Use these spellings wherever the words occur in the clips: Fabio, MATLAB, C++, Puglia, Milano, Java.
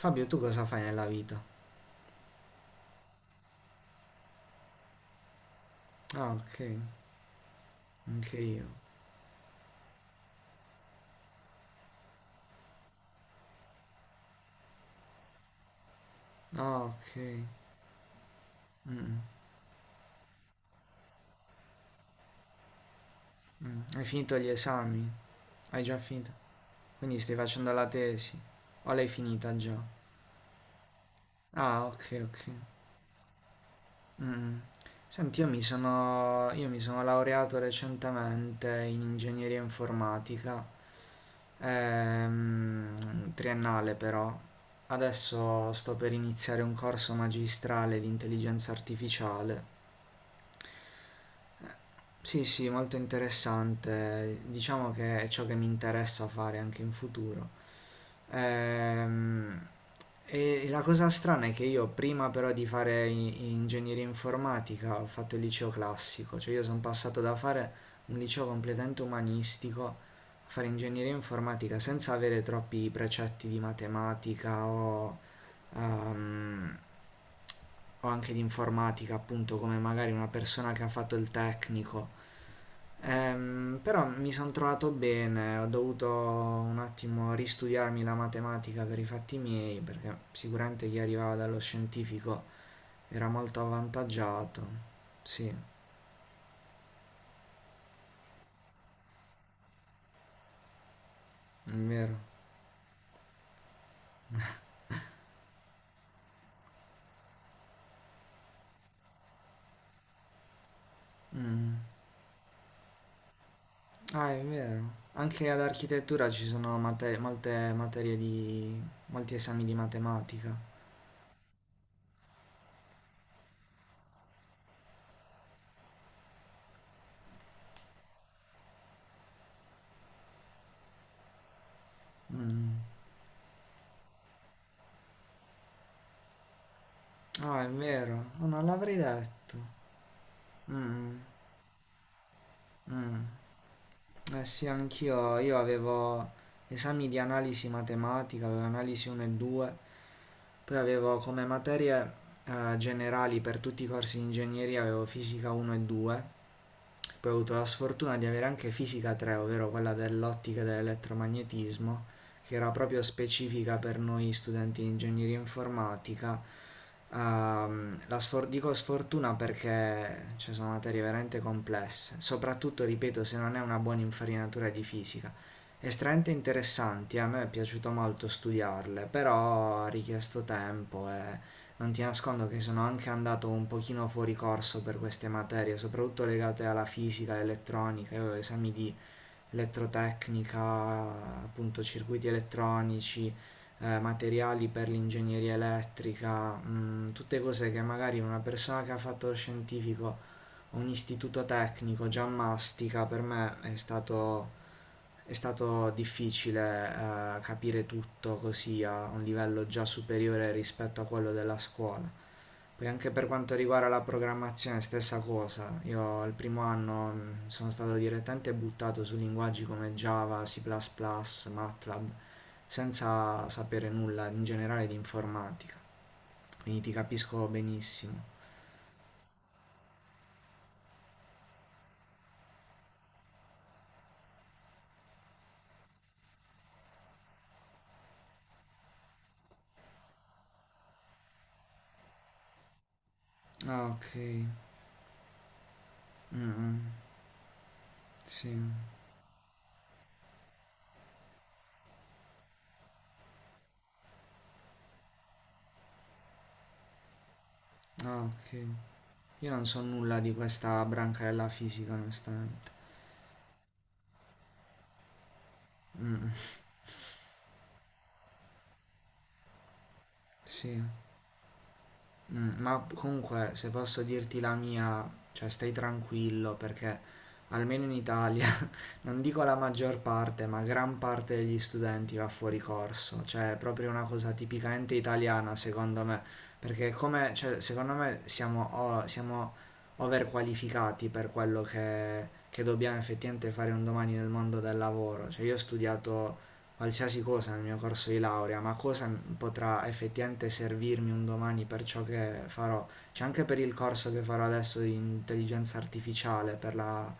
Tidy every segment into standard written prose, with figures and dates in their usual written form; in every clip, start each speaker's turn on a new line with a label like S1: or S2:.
S1: Fabio, tu cosa fai nella vita? Ah, ok, anche io. Ah, ok. Hai finito gli esami? Hai già finito? Quindi stai facendo la tesi? O l'hai finita già? Ah, ok, ok. Mm. Senti, io mi sono laureato recentemente in ingegneria informatica, triennale però. Adesso sto per iniziare un corso magistrale di intelligenza artificiale. Sì, sì, molto interessante. Diciamo che è ciò che mi interessa fare anche in futuro. Ehm, e la cosa strana è che io prima però di fare ingegneria informatica ho fatto il liceo classico, cioè io sono passato da fare un liceo completamente umanistico a fare ingegneria informatica senza avere troppi precetti di matematica ehm, o anche di informatica, appunto, come magari una persona che ha fatto il tecnico. Però mi sono trovato bene, ho dovuto un attimo ristudiarmi la matematica per i fatti miei, perché sicuramente chi arrivava dallo scientifico era molto avvantaggiato. Sì, è vero. Mm. Ah, è vero. Anche ad architettura ci sono molte materie di molti esami di matematica. Ah, è vero. Oh, non l'avrei detto. Mm, mm. Eh sì, anch'io, io avevo esami di analisi matematica, avevo analisi 1 e 2, poi avevo come materie generali per tutti i corsi di ingegneria, avevo fisica 1 e 2. Poi ho avuto la sfortuna di avere anche fisica 3, ovvero quella dell'ottica e dell'elettromagnetismo, che era proprio specifica per noi studenti di ingegneria informatica. Dico sfortuna perché ci sono materie veramente complesse, soprattutto, ripeto, se non è una buona infarinatura di fisica. Estremamente interessanti, a me è piaciuto molto studiarle, però ha richiesto tempo e non ti nascondo che sono anche andato un pochino fuori corso per queste materie, soprattutto legate alla fisica, all'elettronica, io avevo esami di elettrotecnica, appunto circuiti elettronici, materiali per l'ingegneria elettrica, tutte cose che magari una persona che ha fatto lo scientifico o un istituto tecnico già mastica, per me è stato difficile capire tutto così a un livello già superiore rispetto a quello della scuola. Poi anche per quanto riguarda la programmazione, stessa cosa. Io il primo anno sono stato direttamente buttato su linguaggi come Java, C++, plus plus, MATLAB, senza sapere nulla in generale di informatica. Quindi ti capisco benissimo. Ah, ok. Mm, sì. Ah, ok. Io non so nulla di questa branca della fisica, onestamente. Sì. Ma comunque, se posso dirti la mia, cioè stai tranquillo perché almeno in Italia non dico la maggior parte, ma gran parte degli studenti va fuori corso, cioè è proprio una cosa tipicamente italiana secondo me, perché come, cioè, secondo me siamo overqualificati per quello che dobbiamo effettivamente fare un domani nel mondo del lavoro, cioè io ho studiato qualsiasi cosa nel mio corso di laurea, ma cosa potrà effettivamente servirmi un domani per ciò che farò? C'è anche per il corso che farò adesso di intelligenza artificiale, per la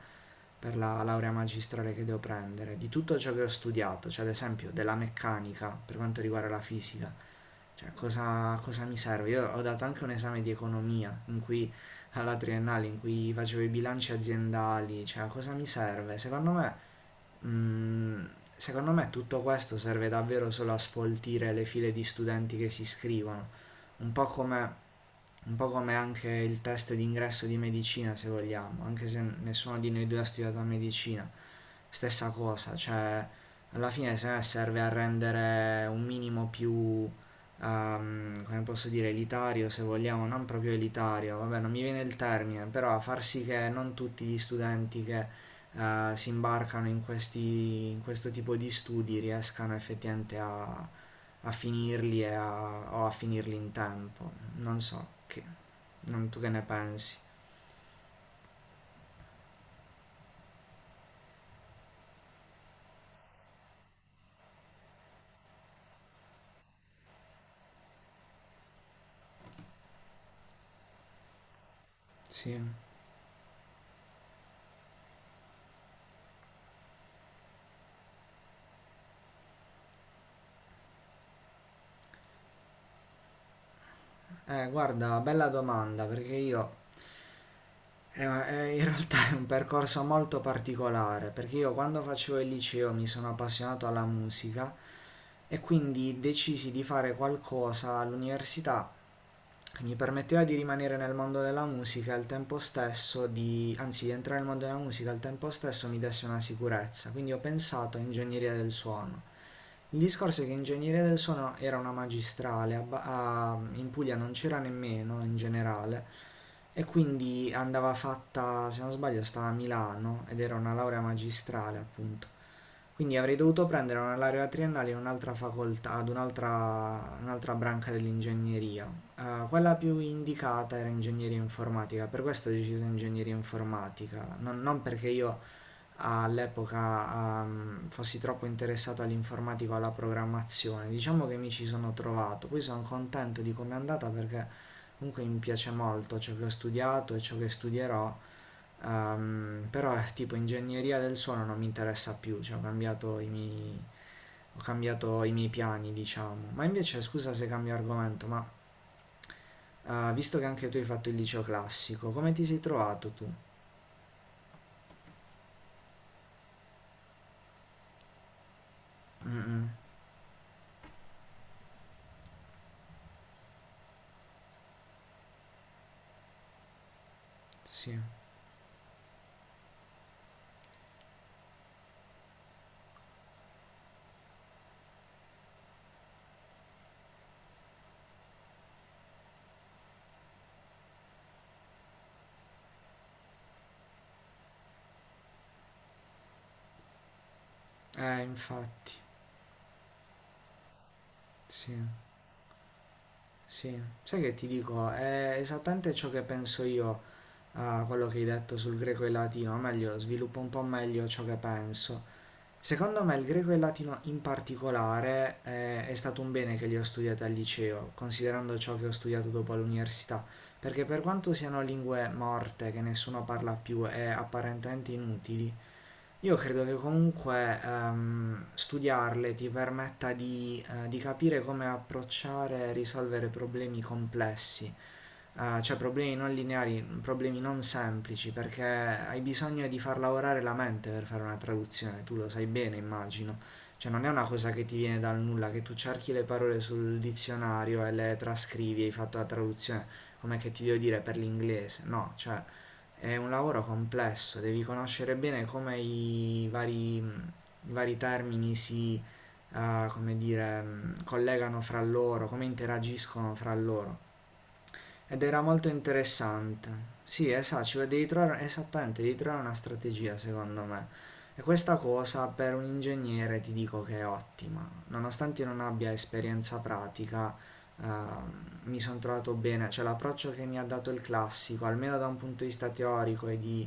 S1: per la laurea magistrale che devo prendere, di tutto ciò che ho studiato, cioè ad esempio della meccanica per quanto riguarda la fisica, cioè cosa mi serve? Io ho dato anche un esame di economia in cui alla triennale in cui facevo i bilanci aziendali, cioè cosa mi serve? Mm, secondo me, tutto questo serve davvero solo a sfoltire le file di studenti che si iscrivono, un po' come un po' come anche il test d'ingresso di medicina se vogliamo, anche se nessuno di noi due ha studiato medicina, stessa cosa, cioè alla fine se no, serve a rendere un minimo più, come posso dire, elitario se vogliamo, non proprio elitario, vabbè non mi viene il termine, però a far sì che non tutti gli studenti che si imbarcano in, questi, in questo tipo di studi riescano effettivamente a finirli e o a finirli in tempo, non so, che, non, tu che ne pensi? Sì. Guarda, bella domanda perché io. In realtà è un percorso molto particolare perché io quando facevo il liceo mi sono appassionato alla musica e quindi decisi di fare qualcosa all'università che mi permetteva di rimanere nel mondo della musica e al tempo stesso di, anzi di entrare nel mondo della musica e al tempo stesso mi desse una sicurezza. Quindi ho pensato a ingegneria del suono. Il discorso è che ingegneria del suono era una magistrale, in Puglia non c'era nemmeno in generale e quindi andava fatta, se non sbaglio, stava a Milano ed era una laurea magistrale appunto. Quindi avrei dovuto prendere una laurea triennale in un'altra facoltà, ad un'altra, un'altra branca dell'ingegneria. Quella più indicata era ingegneria informatica, per questo ho deciso ingegneria informatica, non perché io all'epoca fossi troppo interessato all'informatica o alla programmazione. Diciamo che mi ci sono trovato, poi sono contento di come è andata perché comunque mi piace molto ciò che ho studiato e ciò che studierò, però tipo ingegneria del suono non mi interessa più, cioè ho cambiato i miei, piani, diciamo. Ma invece, scusa se cambio argomento, ma visto che anche tu hai fatto il liceo classico, come ti sei trovato tu? Mm, mm, sì, infatti, sì. Sì, sai che ti dico, è esattamente ciò che penso io a quello che hai detto sul greco e il latino, o meglio, sviluppo un po' meglio ciò che penso. Secondo me il greco e il latino in particolare è stato un bene che li ho studiati al liceo, considerando ciò che ho studiato dopo all'università, perché per quanto siano lingue morte che nessuno parla più e apparentemente inutili, io credo che comunque studiarle ti permetta di capire come approcciare e risolvere problemi complessi, cioè problemi non lineari, problemi non semplici, perché hai bisogno di far lavorare la mente per fare una traduzione, tu lo sai bene, immagino. Cioè non è una cosa che ti viene dal nulla, che tu cerchi le parole sul dizionario e le trascrivi, e hai fatto la traduzione, come che ti devo dire per l'inglese, no, cioè è un lavoro complesso, devi conoscere bene come i vari termini si, come dire, collegano fra loro, come interagiscono fra loro. Ed era molto interessante. Sì, esatto, ci devi trovare, esattamente, devi trovare una strategia, secondo me. E questa cosa per un ingegnere ti dico che è ottima. Nonostante io non abbia esperienza pratica, ehm, mi sono trovato bene, cioè l'approccio che mi ha dato il classico, almeno da un punto di vista teorico e di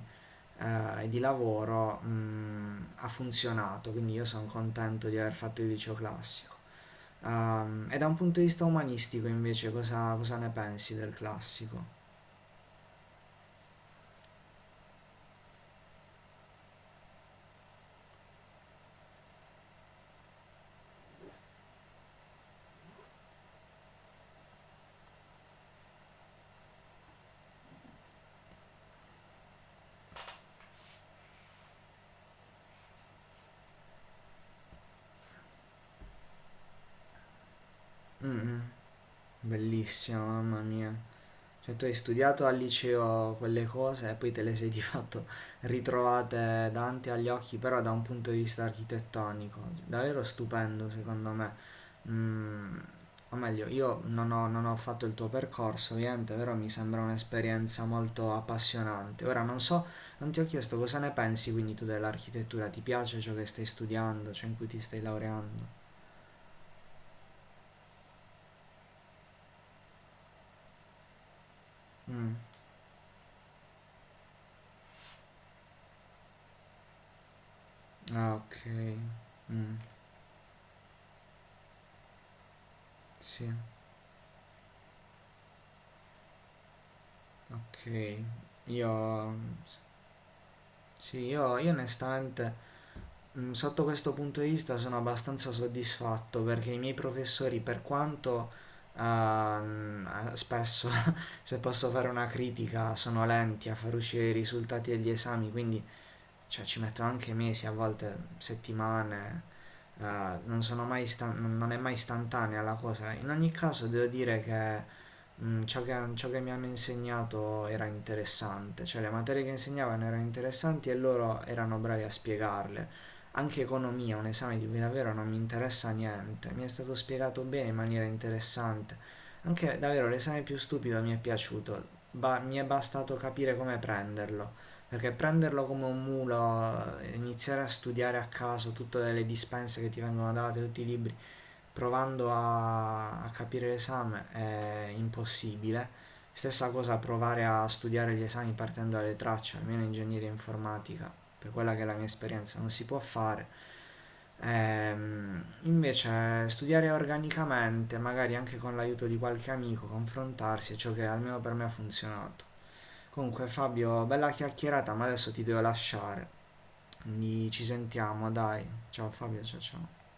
S1: eh, e di lavoro ha funzionato, quindi io sono contento di aver fatto il liceo classico. E da un punto di vista umanistico invece cosa ne pensi del classico? Mm, mm, bellissimo, mamma mia. Cioè, tu hai studiato al liceo quelle cose e poi te le sei di fatto ritrovate davanti agli occhi, però da un punto di vista architettonico, davvero stupendo secondo me. Mm, o meglio, io non ho fatto il tuo percorso, ovviamente, però mi sembra un'esperienza molto appassionante. Ora non so, non ti ho chiesto cosa ne pensi quindi tu dell'architettura, ti piace ciò che stai studiando, ciò in cui ti stai laureando? Mm, ah, ok. Mm, sì, ok. Io Sì, io onestamente sotto questo punto di vista sono abbastanza soddisfatto perché i miei professori, per quanto spesso, se posso fare una critica, sono lenti a far uscire i risultati degli esami, quindi cioè, ci metto anche mesi, a volte settimane, non è mai istantanea la cosa. In ogni caso devo dire che ciò che mi hanno insegnato era interessante, cioè le materie che insegnavano erano interessanti e loro erano bravi a spiegarle. Anche economia, un esame di cui davvero non mi interessa niente, mi è stato spiegato bene in maniera interessante. Anche davvero l'esame più stupido mi è piaciuto, mi è bastato capire come prenderlo, perché prenderlo come un mulo, iniziare a studiare a caso tutte le dispense che ti vengono date, tutti i libri, provando a capire l'esame è impossibile. Stessa cosa provare a studiare gli esami partendo dalle tracce, almeno in ingegneria informatica, per quella che è la mia esperienza, non si può fare. Invece studiare organicamente, magari anche con l'aiuto di qualche amico, confrontarsi è ciò che almeno per me ha funzionato. Comunque Fabio, bella chiacchierata, ma adesso ti devo lasciare. Quindi ci sentiamo, dai. Ciao Fabio, ciao ciao.